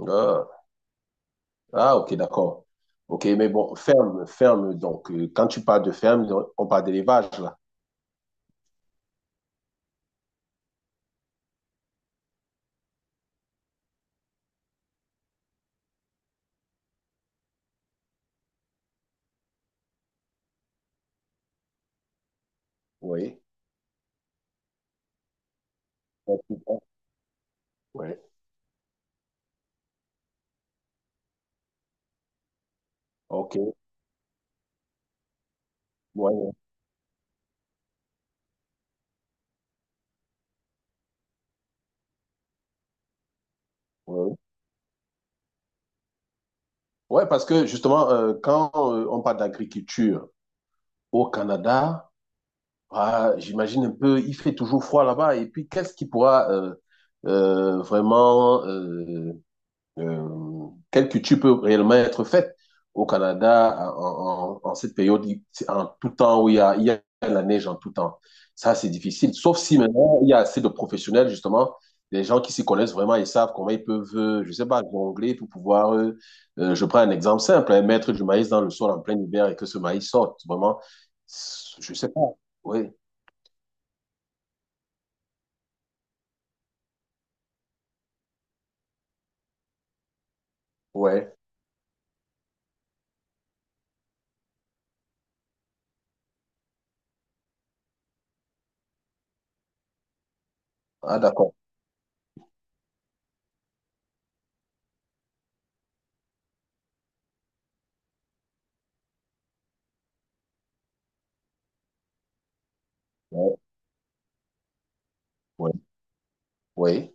Ah, ah, ok, d'accord. Ok, mais bon, ferme, ferme. Donc, quand tu parles de ferme, on parle d'élevage, là. Oui. Oui. Ok. Ouais, ouais. Ouais, parce que justement, quand on parle d'agriculture au Canada, ah, j'imagine un peu, il fait toujours froid là-bas. Et puis, qu'est-ce qui pourra vraiment quelle culture peut réellement être faite au Canada en cette période, en tout temps où il y a la neige en tout temps. Ça, c'est difficile. Sauf si maintenant, il y a assez de professionnels, justement, des gens qui s'y connaissent vraiment et savent comment ils peuvent, je sais pas, jongler pour pouvoir, je prends un exemple simple, hein, mettre du maïs dans le sol en plein hiver et que ce maïs sorte. Vraiment, je sais pas. Oui, ouais. Ah, d'accord. Oui, oui. Ouais, ouais.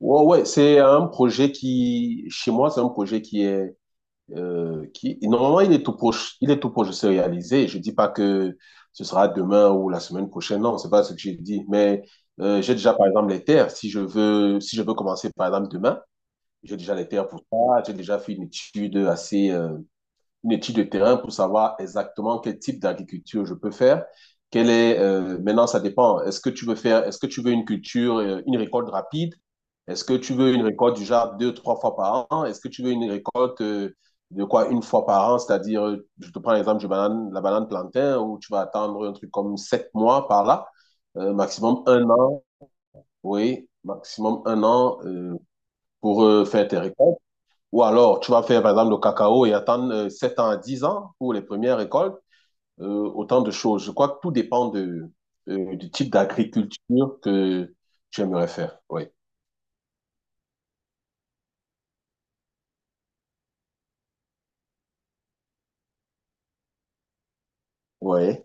Ouais, ouais, c'est un projet qui, chez moi, c'est un projet qui est, qui normalement il est tout proche de se réaliser. Je dis pas que ce sera demain ou la semaine prochaine, non, c'est pas ce que j'ai dit. Mais j'ai déjà par exemple les terres. Si je veux commencer par exemple demain, j'ai déjà les terres pour ça. J'ai déjà fait une étude assez une étude de terrain pour savoir exactement quel type d'agriculture je peux faire. Quelle est, maintenant, ça dépend. Est-ce que tu veux une culture, une récolte rapide? Est-ce que tu veux une récolte du genre deux, trois fois par an? Est-ce que tu veux une récolte de quoi une fois par an? C'est-à-dire, je te prends l'exemple de banane, la banane plantain où tu vas attendre un truc comme sept mois par là, maximum un an, oui, maximum un an pour faire tes récoltes. Ou alors, tu vas faire, par exemple, le cacao et attendre 7 ans à 10 ans pour les premières récoltes. Euh, autant de choses. Je crois que tout dépend de, du type d'agriculture que tu aimerais faire. Oui. Oui.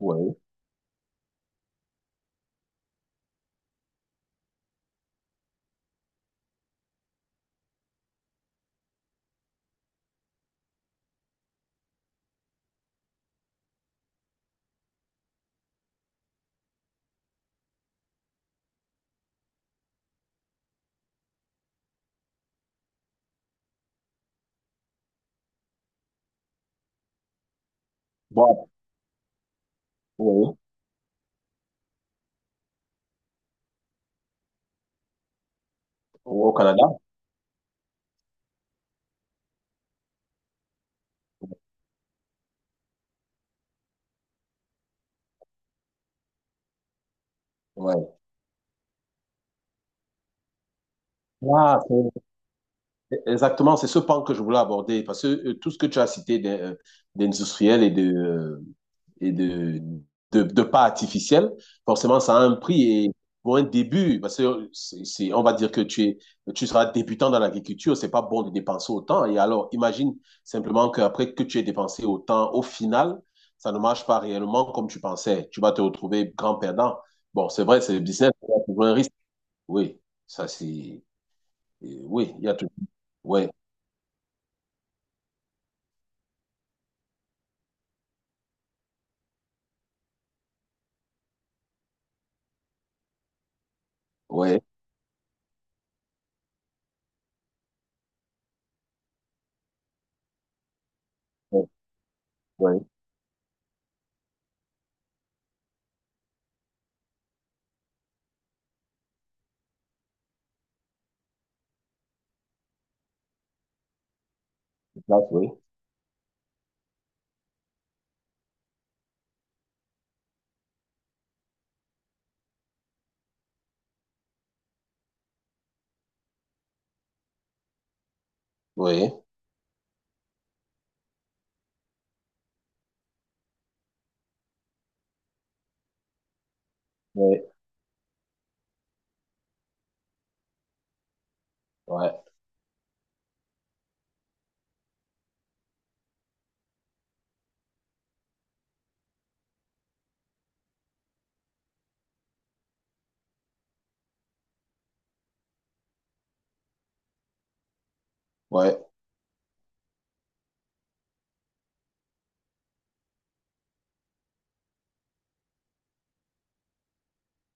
Oui. Bon. Oui. Au Canada? Oui. Ah, c'est exactement, c'est ce pan que je voulais aborder parce que tout ce que tu as cité d'industriel et de pas artificiel, forcément, ça a un prix et pour un début, parce que on va dire que tu es, tu seras débutant dans l'agriculture, c'est pas bon de dépenser autant. Et alors, imagine simplement qu'après que tu aies dépensé autant, au final, ça ne marche pas réellement comme tu pensais. Tu vas te retrouver grand perdant. Bon, c'est vrai, c'est le business, il y a toujours un risque. Oui, ça c'est, oui, il y a toujours, ouais, ouais. Oui, oui, place, oui. Oui, oui, ouais, ouais,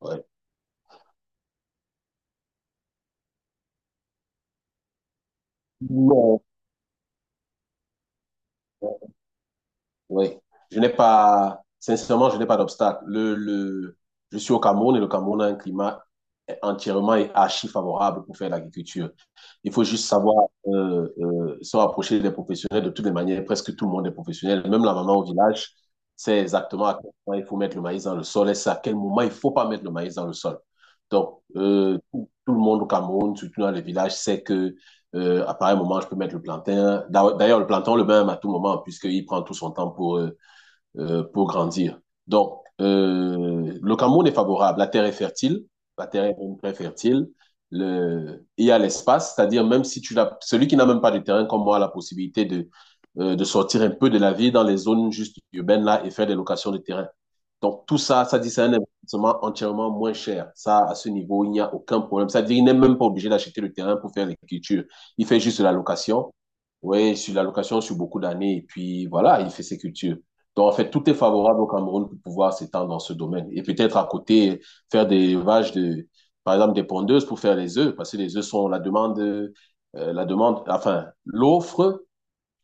ouais. Non. Oui. Je n'ai pas, sincèrement, je n'ai pas d'obstacle. Je suis au Cameroun et le Cameroun a un climat entièrement et archi favorable pour faire l'agriculture. Il faut juste savoir se rapprocher des professionnels de toutes les manières. Presque tout le monde est professionnel. Même la maman au village sait exactement à quel moment il faut mettre le maïs dans le sol et c'est à quel moment il ne faut pas mettre le maïs dans le sol. Donc, tout le monde au Cameroun, surtout dans les villages, sait que à pareil moment, je peux mettre le plantain. D'ailleurs, le plantain, on le même à tout moment, puisqu'il prend tout son temps pour grandir. Donc, le Cameroun est favorable. La terre est fertile. La terre est très fertile. Il y a l'espace, c'est-à-dire même si tu l'as, celui qui n'a même pas de terrain comme moi a la possibilité de sortir un peu de la vie dans les zones juste urbaines là et faire des locations de terrain. Donc, tout ça, ça dit c'est un investissement entièrement moins cher. Ça, à ce niveau, il n'y a aucun problème. Ça veut dire qu'il n'est même pas obligé d'acheter le terrain pour faire l'écriture. Il fait juste la location. Oui, sur la location sur beaucoup d'années. Et puis, voilà, il fait ses cultures. Donc, en fait, tout est favorable au Cameroun pour pouvoir s'étendre dans ce domaine. Et peut-être à côté, faire des vaches de, par exemple, des pondeuses pour faire les œufs, parce que les œufs sont la demande, enfin, l'offre.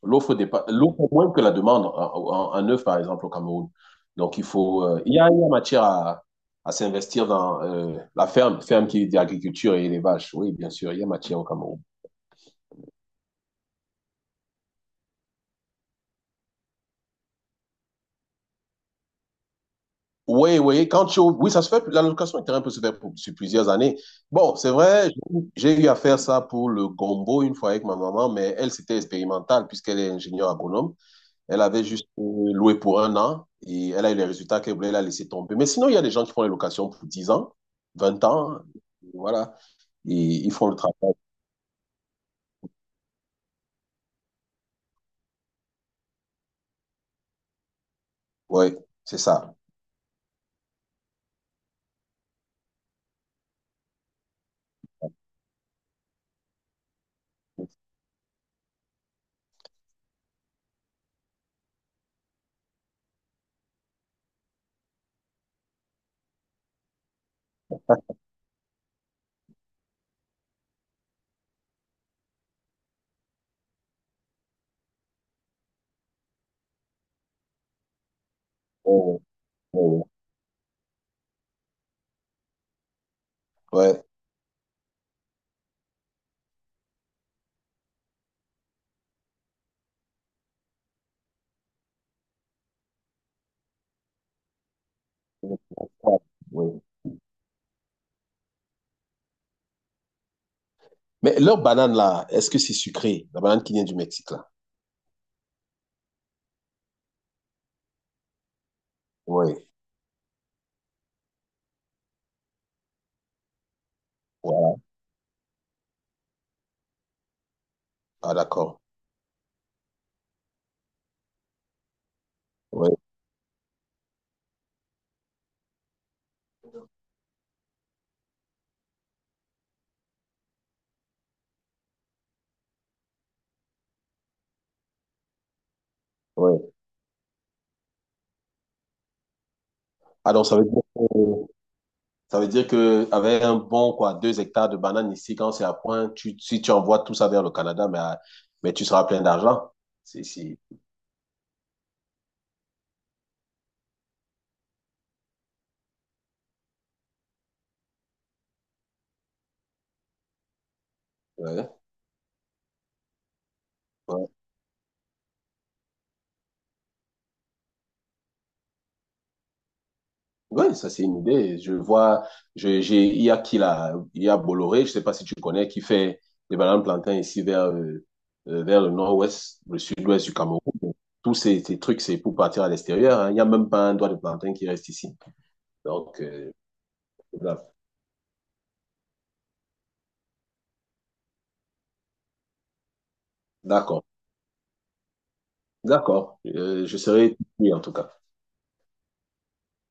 L'offre dépasse, l'offre moins que la demande, en un œuf par exemple au Cameroun. Donc il faut, il y a matière à s'investir dans la ferme, ferme qui est d'agriculture et élevage. Oui, bien sûr, il y a matière au Cameroun. Oui, oui, oui, ça se fait, l'allocation de terrain peut se faire sur plusieurs années. Bon, c'est vrai, j'ai eu à faire ça pour le gombo une fois avec ma maman, mais elle, c'était expérimental puisqu'elle est ingénieure agronome. Elle avait juste loué pour un an et elle a eu les résultats qu'elle voulait, elle a laissé tomber. Mais sinon, il y a des gens qui font les locations pour 10 ans, vingt ans, et voilà, et ils font le travail. Ouais, c'est ça. Oh, oh, ouais, ouais, ouais. Ouais. Mais leur banane là, est-ce que c'est sucré? La banane qui vient du Mexique là. Oui, voilà. Ah, d'accord. Oui, oui. Ah, donc ça veut dire que ça veut dire que avec un bon quoi, deux hectares de bananes ici, quand c'est à point, si tu envoies tout ça vers le Canada, mais, mais tu seras plein d'argent. C'est, c'est- ouais, ouais. Ouais, ça c'est une idée. Je vois, il y a il y a Bolloré, je sais pas si tu connais, qui fait des bananes plantains ici vers, vers le nord-ouest, le sud-ouest du Cameroun. Donc, tous ces trucs, c'est pour partir à l'extérieur. Hein. Il n'y a même pas un doigt de plantain qui reste ici. Donc, voilà. D'accord, d'accord. Je serai oui, en tout cas.